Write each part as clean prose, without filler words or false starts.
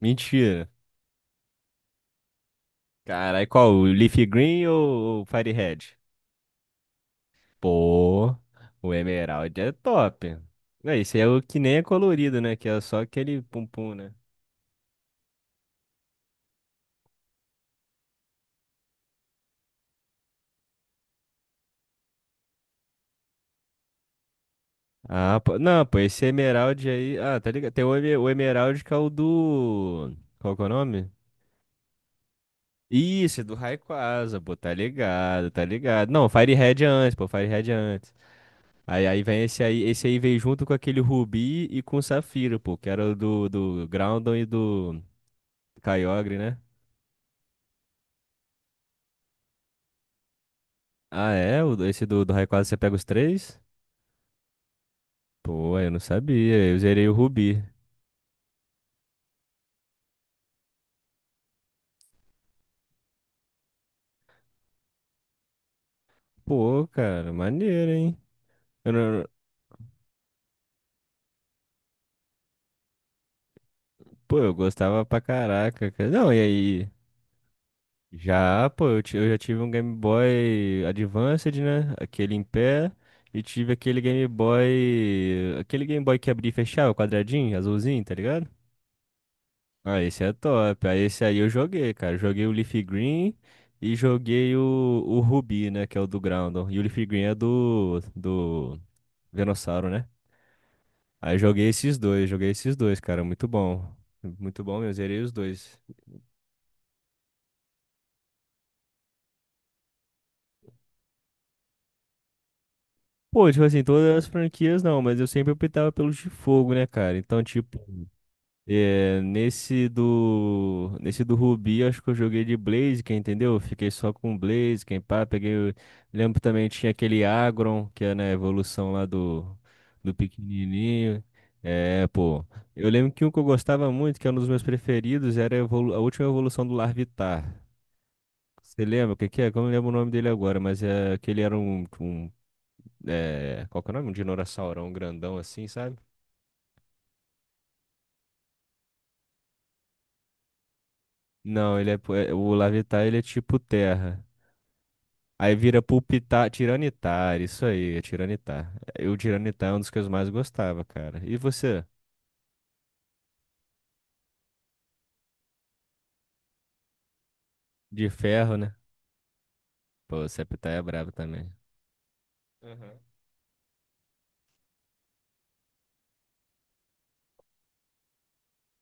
Mentira. Caralho, qual? O Leafy Green ou o Firehead? Pô, o Emerald é top. Não, esse é o que nem é colorido, né? Que é só aquele pum-pum, né? Ah, pô. Não, pô, esse Emerald aí. Ah, tá ligado? Tem o, o Emerald que é o do. Qual que é o nome? Isso, é do Rayquaza, pô, tá ligado, tá ligado. Não, Firehead é antes, pô, Firehead é antes. Aí vem esse aí veio junto com aquele Rubi e com o Safira, pô, que era o do, do Groudon e do. Kyogre, né? Ah, é? Esse do, do Rayquaza você pega os três? Pô, eu não sabia. Eu zerei o Rubi. Pô, cara, maneiro, hein? Eu não- Pô, eu gostava pra caraca, cara. Não, e aí? Já, pô, eu já tive um Game Boy Advanced, né? Aquele em pé. E tive aquele Game Boy. Aquele Game Boy que abria e fechava, quadradinho, azulzinho, tá ligado? Ah, esse é top. Aí esse aí eu joguei, cara. Joguei o Leaf Green e joguei o Ruby, né? Que é o do Groundon. E o Leaf Green é do Venossauro, né? Aí joguei esses dois, cara. Muito bom. Muito bom mesmo, zerei os dois. Pô, tipo assim, todas as franquias não, mas eu sempre optava pelos de fogo, né, cara? Então, tipo, é, nesse do Rubi, acho que eu joguei de Blaziken, entendeu? Fiquei só com Blaziken, pá, peguei, lembro também tinha aquele Agron, que é na evolução lá do pequenininho. É, pô. Eu lembro que um que eu gostava muito, que é um dos meus preferidos, era a última evolução do Larvitar. Você lembra o que que é? Que eu não lembro o nome dele agora, mas é que era um é, qual que é o nome? Um dinossaurão grandão assim, sabe? Não, ele é, o Larvitar, ele é tipo terra. Aí vira Pulpitar, Tiranitar, isso aí, é Tiranitar. Eu, Tiranitar é um dos que eu mais gostava, cara. E você? De ferro, né? Pô, Septar é brabo também. Aham.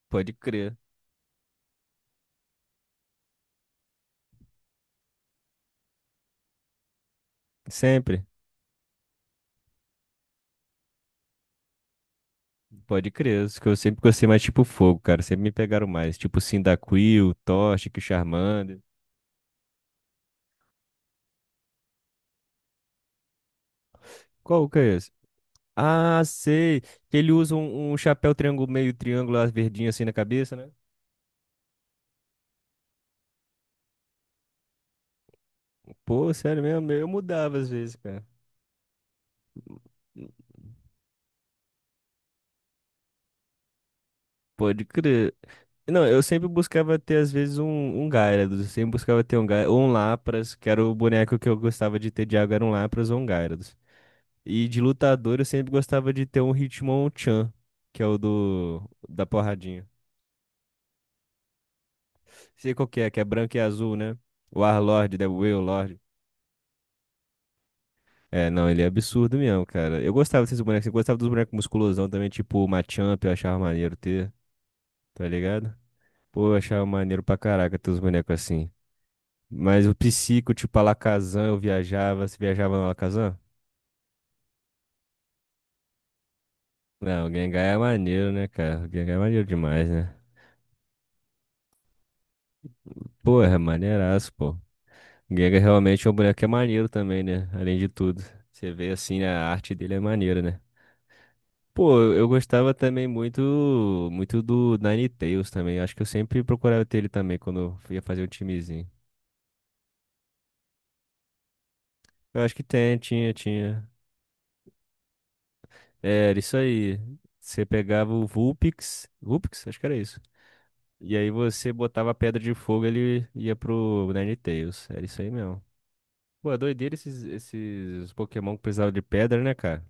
Pode crer. Sempre. Pode crer. Os que eu sempre gostei mais, tipo fogo, cara. Sempre me pegaram mais. Tipo Cyndaquil, Toxic, Charmander. Qual que é esse? Ah, sei. Que ele usa um chapéu triângulo, meio triângulo, as verdinhas assim na cabeça, né? Pô, sério mesmo? Eu mudava às vezes, cara. Pode crer. Não, eu sempre buscava ter, às vezes, um Gyarados. Eu sempre buscava ter um, ou um Lapras, que era o boneco que eu gostava de ter de água, era um Lapras ou um Gyarados. E de lutador, eu sempre gostava de ter um Hitmonchan, que é o do da porradinha. Sei qual que é branco e azul, né? O Warlord, né? O Wailord. É, não, ele é absurdo mesmo, cara. Eu gostava desses bonecos. Eu gostava dos bonecos musculosão também, tipo o Machamp, eu achava maneiro ter, tá ligado? Pô, eu achava maneiro pra caraca ter os bonecos assim. Mas o Psico, tipo, Alakazam, eu viajava. Você viajava no Alakazam? Não, o Gengar é maneiro, né, cara? O Gengar é maneiro demais, né? Porra, é maneiraço, pô. O Gengar realmente é um boneco que é maneiro também, né? Além de tudo. Você vê assim, né, a arte dele é maneira, né? Pô, eu gostava também muito, muito do Ninetales também. Acho que eu sempre procurava ter ele também quando eu ia fazer um timezinho. Eu acho que tem, tinha, tinha. É, era isso aí. Você pegava o Vulpix. Vulpix? Acho que era isso. E aí você botava a pedra de fogo, ele ia pro Ninetales. Era isso aí mesmo. Pô, é doideira esses, esses Pokémon que precisavam de pedra, né, cara?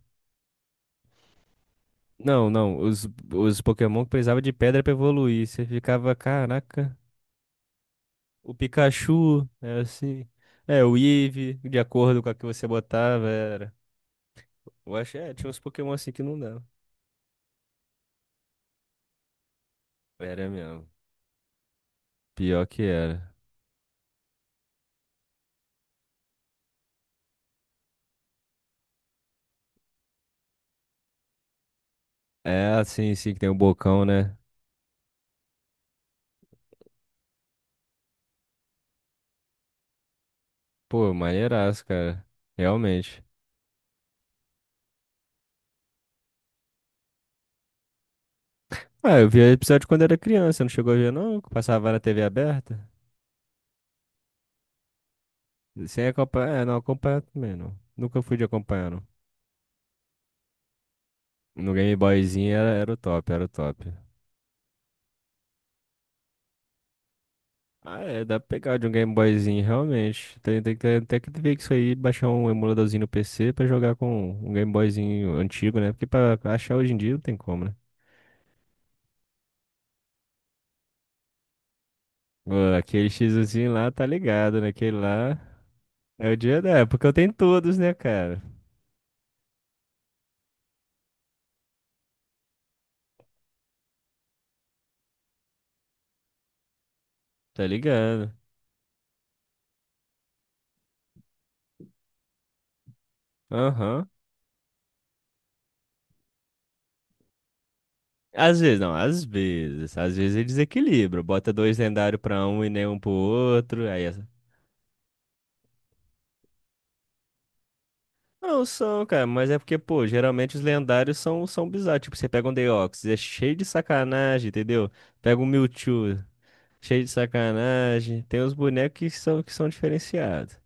Não, não. Os Pokémon que precisavam de pedra pra evoluir. Você ficava, caraca. O Pikachu era assim. É, o Eevee, de acordo com a que você botava, era. Eu acho, é, tinha uns Pokémon assim que não dava. Era mesmo. Pior que era. É assim, sim, que tem o bocão, né? Pô, maneiraço, cara. Realmente. Ah, eu via episódio quando era criança, não chegou a ver não? Que passava na TV aberta? Sem acompanhar, é, não, acompanhar também não. Nunca fui de acompanhar, não. No Game Boyzinho era, era o top, era o top. Ah, é, dá pra pegar de um Game Boyzinho, realmente. Tem, tem, que tem, que ver que isso aí, baixar um emuladorzinho no PC pra jogar com um Game Boyzinho antigo, né? Porque pra achar hoje em dia não tem como, né? Pô, aquele xizinho lá tá ligado, né? Aquele lá é o dia da época. Eu tenho todos, né, cara? Tá ligado. Aham. Às vezes, não, às vezes. Às vezes ele desequilibra. Bota dois lendários pra um e nenhum pro outro. Aí essa. Não são, cara, mas é porque, pô, geralmente os lendários são, são bizarros. Tipo, você pega um Deoxys, é cheio de sacanagem, entendeu? Pega um Mewtwo, cheio de sacanagem. Tem os bonecos que são diferenciados.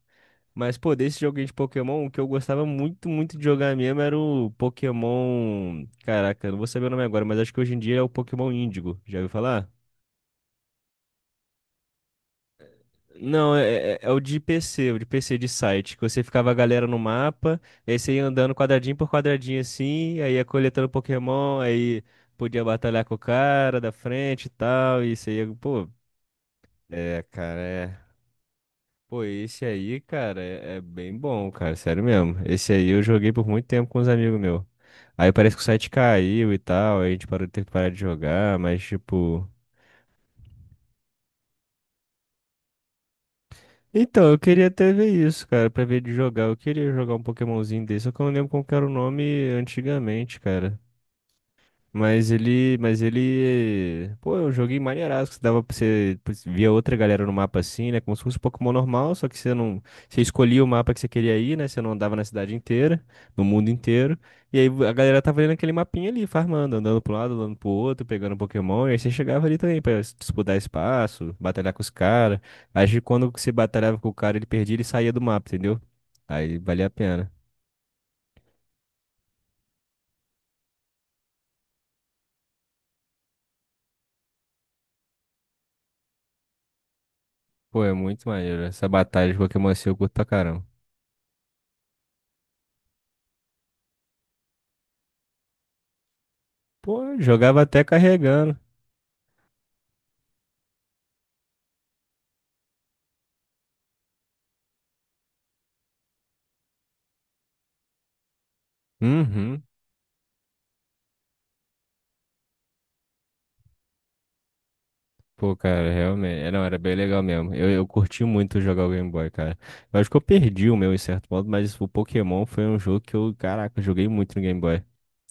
Mas, pô, desse joguinho de Pokémon, o que eu gostava muito, muito de jogar mesmo era o Pokémon. Caraca, eu não vou saber o nome agora, mas acho que hoje em dia é o Pokémon Índigo. Já ouviu falar? Não, é, é o de PC, o de PC de site, que você ficava a galera no mapa, e aí você ia andando quadradinho por quadradinho assim, aí ia coletando Pokémon, aí podia batalhar com o cara da frente e tal, e você ia, pô, é, cara, é. Pô, esse aí, cara, é, é bem bom, cara, sério mesmo. Esse aí eu joguei por muito tempo com uns amigos meus. Aí parece que o site caiu e tal, aí a gente parou, teve que parar de jogar, mas tipo. Então, eu queria até ver isso, cara, pra ver de jogar. Eu queria jogar um Pokémonzinho desse, só que eu não lembro como que era o nome antigamente, cara. Mas ele, pô, eu joguei maneiraço, que dava pra você, pô, você via outra galera no mapa assim, né, como se fosse um Pokémon normal, só que você não, você escolhia o mapa que você queria ir, né, você não andava na cidade inteira, no mundo inteiro, e aí a galera tava ali naquele mapinha ali, farmando, andando pro lado, andando pro outro, pegando Pokémon, e aí você chegava ali também pra disputar espaço, batalhar com os caras, aí quando você batalhava com o cara, ele perdia, ele saía do mapa, entendeu? Aí valia a pena. Pô, é muito maneiro, essa batalha de Pokémon assim eu curto pra caramba. Pô, jogava até carregando. Uhum. Pô, cara, realmente. É, Não, era bem legal mesmo. Eu curti muito jogar o Game Boy, cara. Eu acho que eu perdi o meu em certo modo, mas o Pokémon foi um jogo que eu, caraca, eu joguei muito no Game Boy.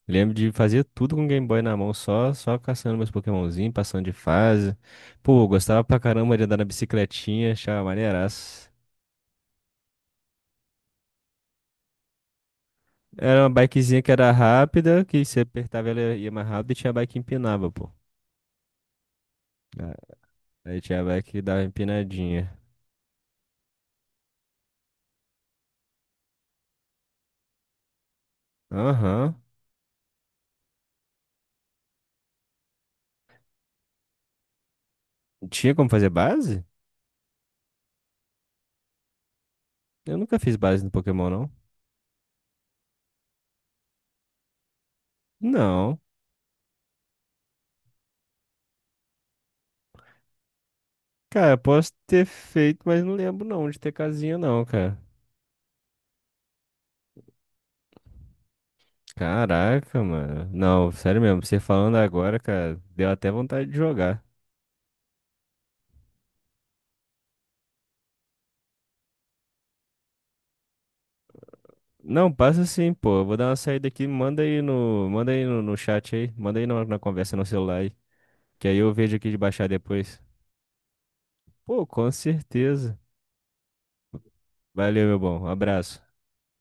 Lembro de fazer tudo com o Game Boy na mão, só, só caçando meus Pokémonzinhos, passando de fase. Pô, eu gostava pra caramba de andar na bicicletinha, achava maneiraço. Era uma bikezinha que era rápida, que se apertava ela ia mais rápido e tinha a bike que empinava, pô. Ah, aí tinha a bike que dava empinadinha. Aham. Tinha como fazer base? Eu nunca fiz base no Pokémon, não. Não. Cara, posso ter feito, mas não lembro não de ter casinha, não, cara. Caraca, mano. Não, sério mesmo, você falando agora, cara, deu até vontade de jogar. Não, passa sim, pô. Eu vou dar uma saída aqui, manda aí no, no chat aí, manda aí na, na conversa no celular aí, que aí eu vejo aqui de baixar depois. Pô, com certeza. Valeu, meu bom. Abraço.